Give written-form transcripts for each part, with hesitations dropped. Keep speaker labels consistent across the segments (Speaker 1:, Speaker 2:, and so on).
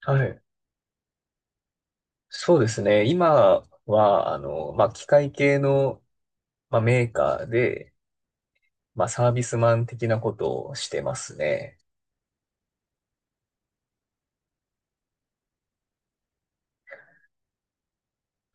Speaker 1: はい。そうですね。今は、まあ、機械系の、まあ、メーカーで、まあ、サービスマン的なことをしてますね。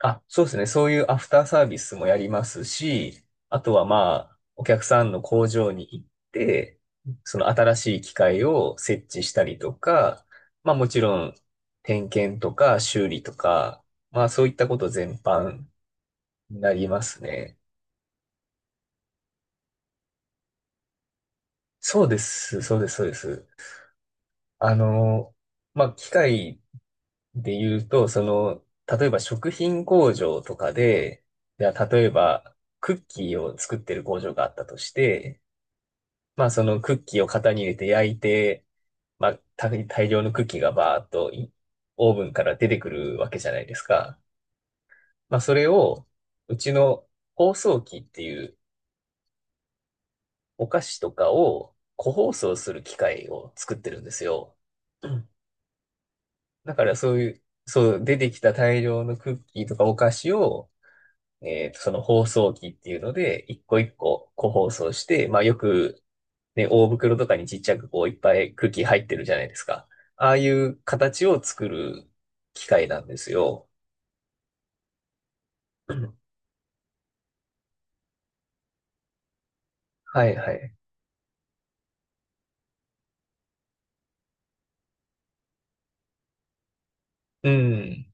Speaker 1: あ、そうですね。そういうアフターサービスもやりますし、あとは、まあ、お客さんの工場に行って、その新しい機械を設置したりとか、まあ、もちろん、点検とか修理とか、まあ、そういったこと全般になりますね。そうです。そうです。そうです。あの、まあ、機械で言うと、例えば食品工場とかで、じゃあ例えばクッキーを作ってる工場があったとして、まあ、そのクッキーを型に入れて焼いて、まあ、大量のクッキーがバーっとオーブンから出てくるわけじゃないですか。まあ、それを、うちの包装機っていうお菓子とかを個包装する機械を作ってるんですよ。だからそういう、そう、出てきた大量のクッキーとかお菓子を、その包装機っていうので、一個一個個包装して、まあよく、ね、大袋とかにちっちゃくこういっぱいクッキー入ってるじゃないですか。ああいう形を作る機械なんですよ。はいはい。うん。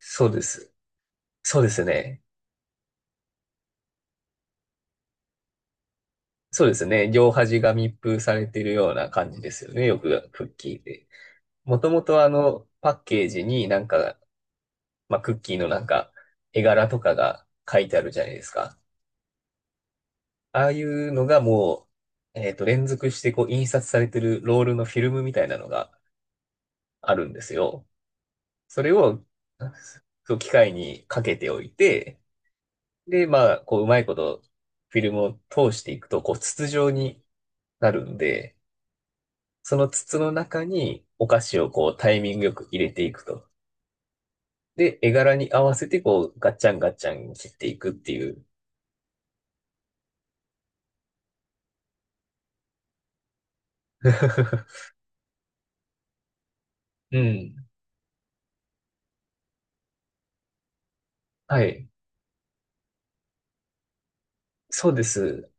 Speaker 1: そうです。そうですね。そうですね。両端が密封されてるような感じですよね。よくクッキーで。もともとパッケージになんかまあ、クッキーのなんか、絵柄とかが書いてあるじゃないですか。ああいうのがもう、連続してこう、印刷されてるロールのフィルムみたいなのがあるんですよ。それを、そう、機械にかけておいて、で、まあ、こう、うまいこと、フィルムを通していくと、こう、筒状になるんで、その筒の中にお菓子をこう、タイミングよく入れていくと。で、絵柄に合わせて、こう、ガッチャンガッチャン切っていくっていう。うん。はい。そうです。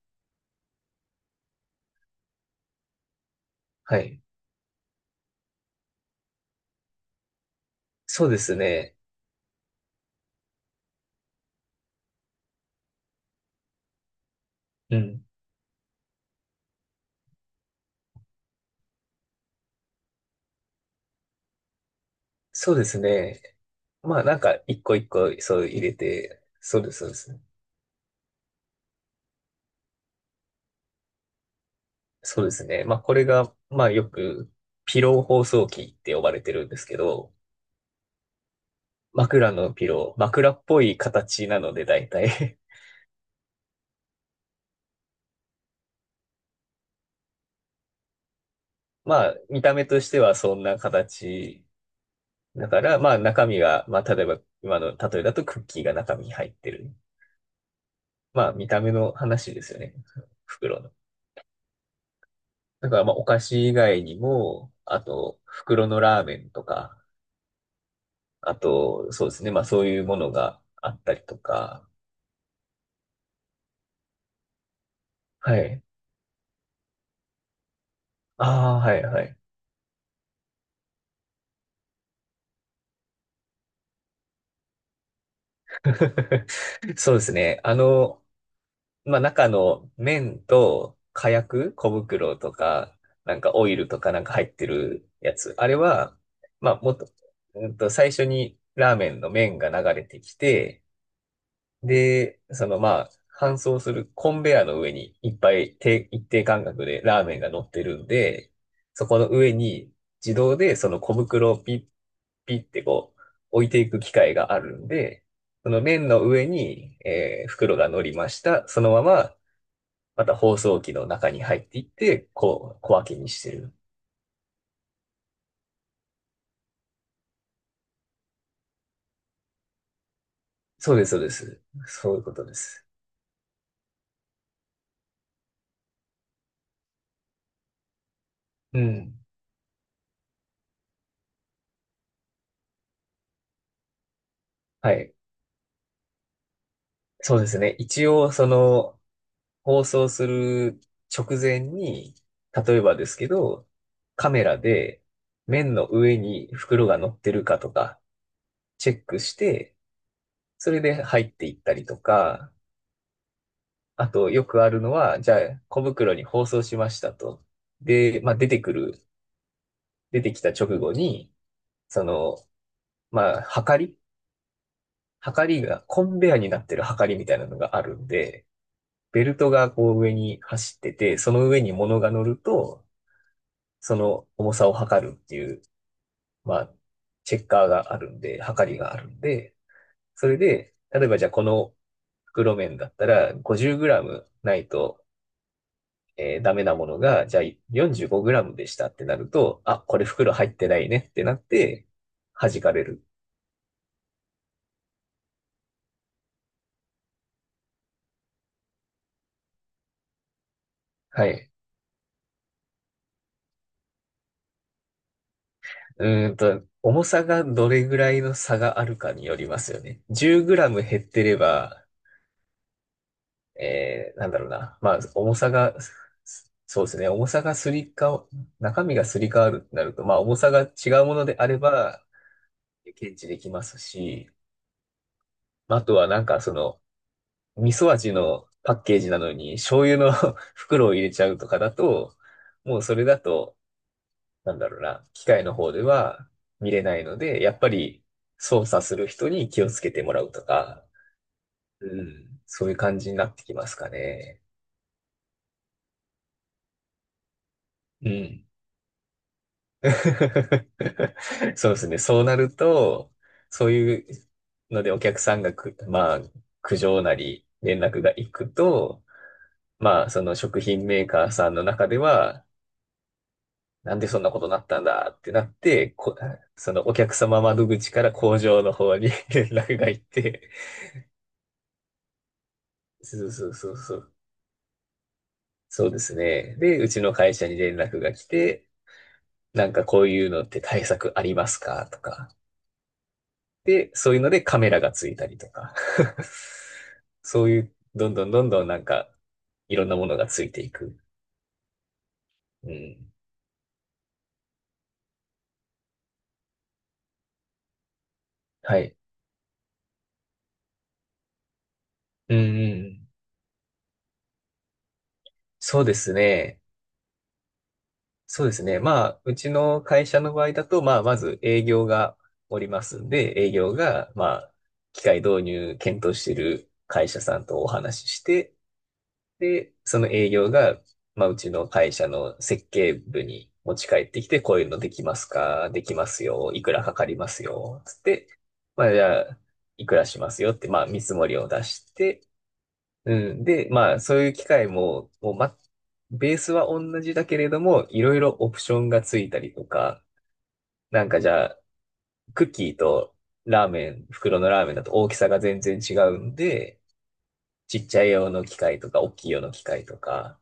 Speaker 1: はい。そうですね。うん。そうですね。まあなんか一個一個そう入れて、そうです、そうです。そうですね。まあこれが、まあよくピロー包装機って呼ばれてるんですけど、枕のピロー、枕っぽい形なので大体 まあ見た目としてはそんな形だから、まあ中身が、まあ例えば今の例えだとクッキーが中身に入ってる。まあ見た目の話ですよね。袋の。だからまあお菓子以外にも、あと袋のラーメンとか、あとそうですね、まあそういうものがあったりとか、はい。ああ、はいはい。そうですね。まあ中の麺と火薬、小袋とか、なんかオイルとかなんか入ってるやつ。あれは、まあもっと、うんと最初にラーメンの麺が流れてきて、で、そのまあ、搬送するコンベヤーの上にいっぱい一定間隔でラーメンが乗ってるんで、そこの上に自動でその小袋をピッピッってこう置いていく機械があるんで、その麺の上に、袋が乗りました。そのまままた包装機の中に入っていって、こう小分けにしてる。そうです、そうです。そういうことです。うん。はい。そうですね。一応、その、放送する直前に、例えばですけど、カメラで麺の上に袋が乗ってるかとかチェックして、それで入っていったりとか、あとよくあるのは、じゃあ小袋に包装しましたと。で、まあ出てきた直後に、その、まあ、はかりが、コンベアになってるはかりみたいなのがあるんで、ベルトがこう上に走ってて、その上に物が乗ると、その重さを測るっていう、まあ、チェッカーがあるんで、測りがあるんで、それで、例えばじゃあこの袋麺だったら 50g ないと、ダメなものが、じゃあ 45g でしたってなると、あ、これ袋入ってないねってなって、弾かれる。はい。うーんと、重さがどれぐらいの差があるかによりますよね。10g 減ってれば、なんだろうな。まあ、重さが、そうですね。重さがすりか、中身がすり替わるってなると、まあ、重さが違うものであれば、検知できますし、まああとはなんかその、味噌味のパッケージなのに、醤油の 袋を入れちゃうとかだと、もうそれだと、なんだろうな。機械の方では見れないので、やっぱり操作する人に気をつけてもらうとか、うん、そういう感じになってきますかね。うん。そうですね。そうなると、そういうのでお客さんがく、まあ、苦情なり連絡が行くと、まあ、その食品メーカーさんの中では、なんでそんなことになったんだってなって、そのお客様窓口から工場の方に 連絡が行って、そうそうそうそう。そうですね。で、うちの会社に連絡が来て、なんかこういうのって対策ありますかとか。で、そういうのでカメラがついたりとか。そういう、どんどんどんどんなんか、いろんなものがついていく。うん。はい。うんうん。そうですね。そうですね。まあ、うちの会社の場合だと、まあ、まず営業がおりますんで、営業が、まあ、機械導入検討している会社さんとお話しして、で、その営業が、まあ、うちの会社の設計部に持ち帰ってきて、こういうのできますかできますよ。いくらかかりますよ。つって、まあ、じゃあ、いくらしますよって、まあ、見積もりを出して、うん。で、まあ、そういう機械も、もう、ベースは同じだけれども、いろいろオプションがついたりとか、なんかじゃあ、クッキーとラーメン、袋のラーメンだと大きさが全然違うんで、ちっちゃい用の機械とか、大きい用の機械とか、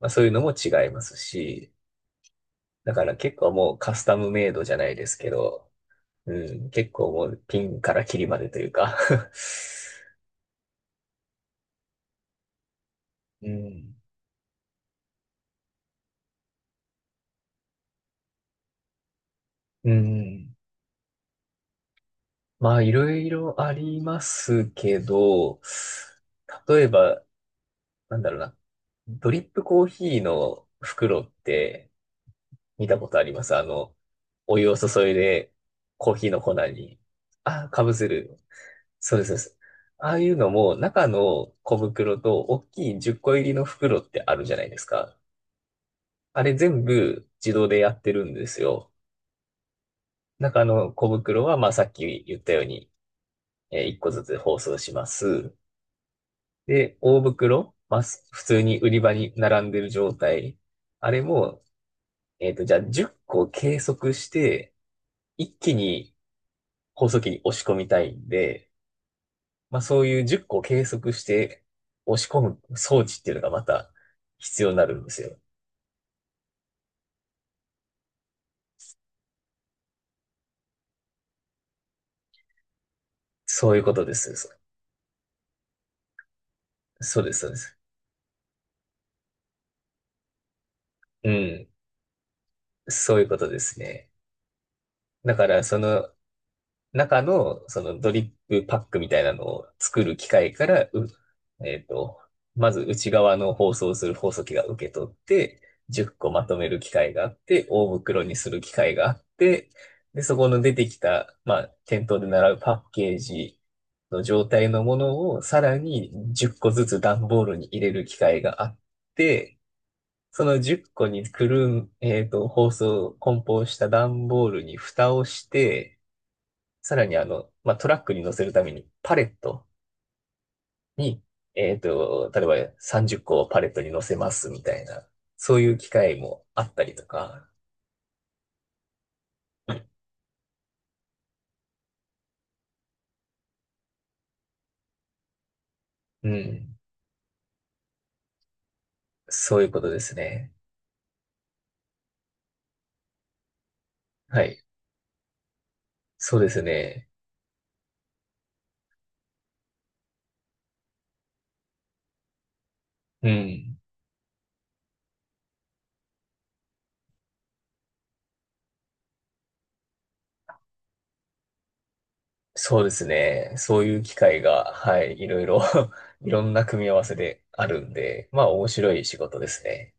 Speaker 1: まあそういうのも違いますし、だから結構もうカスタムメイドじゃないですけど、うん、結構もうピンからキリまでというか うん、うん。まあいろいろありますけど、例えば、なんだろうな、ドリップコーヒーの袋って見たことあります？お湯を注いでコーヒーの粉に、あ、かぶせる。そうです、そうです。ああいうのも、中の小袋と大きい10個入りの袋ってあるじゃないですか。あれ全部自動でやってるんですよ。中の小袋は、まあさっき言ったように、1個ずつ包装します。で、大袋、まあ普通に売り場に並んでる状態。あれも、じゃあ10個計測して、一気に包装機に押し込みたいんで、まあそういう10個を計測して押し込む装置っていうのがまた必要になるんですよ。そういうことです。そうです、そうです。うん。そういうことですね。だから、その、中の、そのドリップパックみたいなのを作る機械から、うえっと、まず内側の包装する包装機が受け取って、10個まとめる機械があって、大袋にする機械があって、で、そこの出てきた、まあ、店頭で習うパッケージの状態のものをさらに10個ずつ段ボールに入れる機械があって、その10個にくるん、えっと、包装、梱包した段ボールに蓋をして、さらにまあ、トラックに乗せるためにパレットに、例えば30個をパレットに乗せますみたいな、そういう機会もあったりとか、うん、そういうことですね。はい。そうですね。うん。そうですね。そういう機会が、はい、いろいろ いろんな組み合わせであるんで、まあ面白い仕事ですね。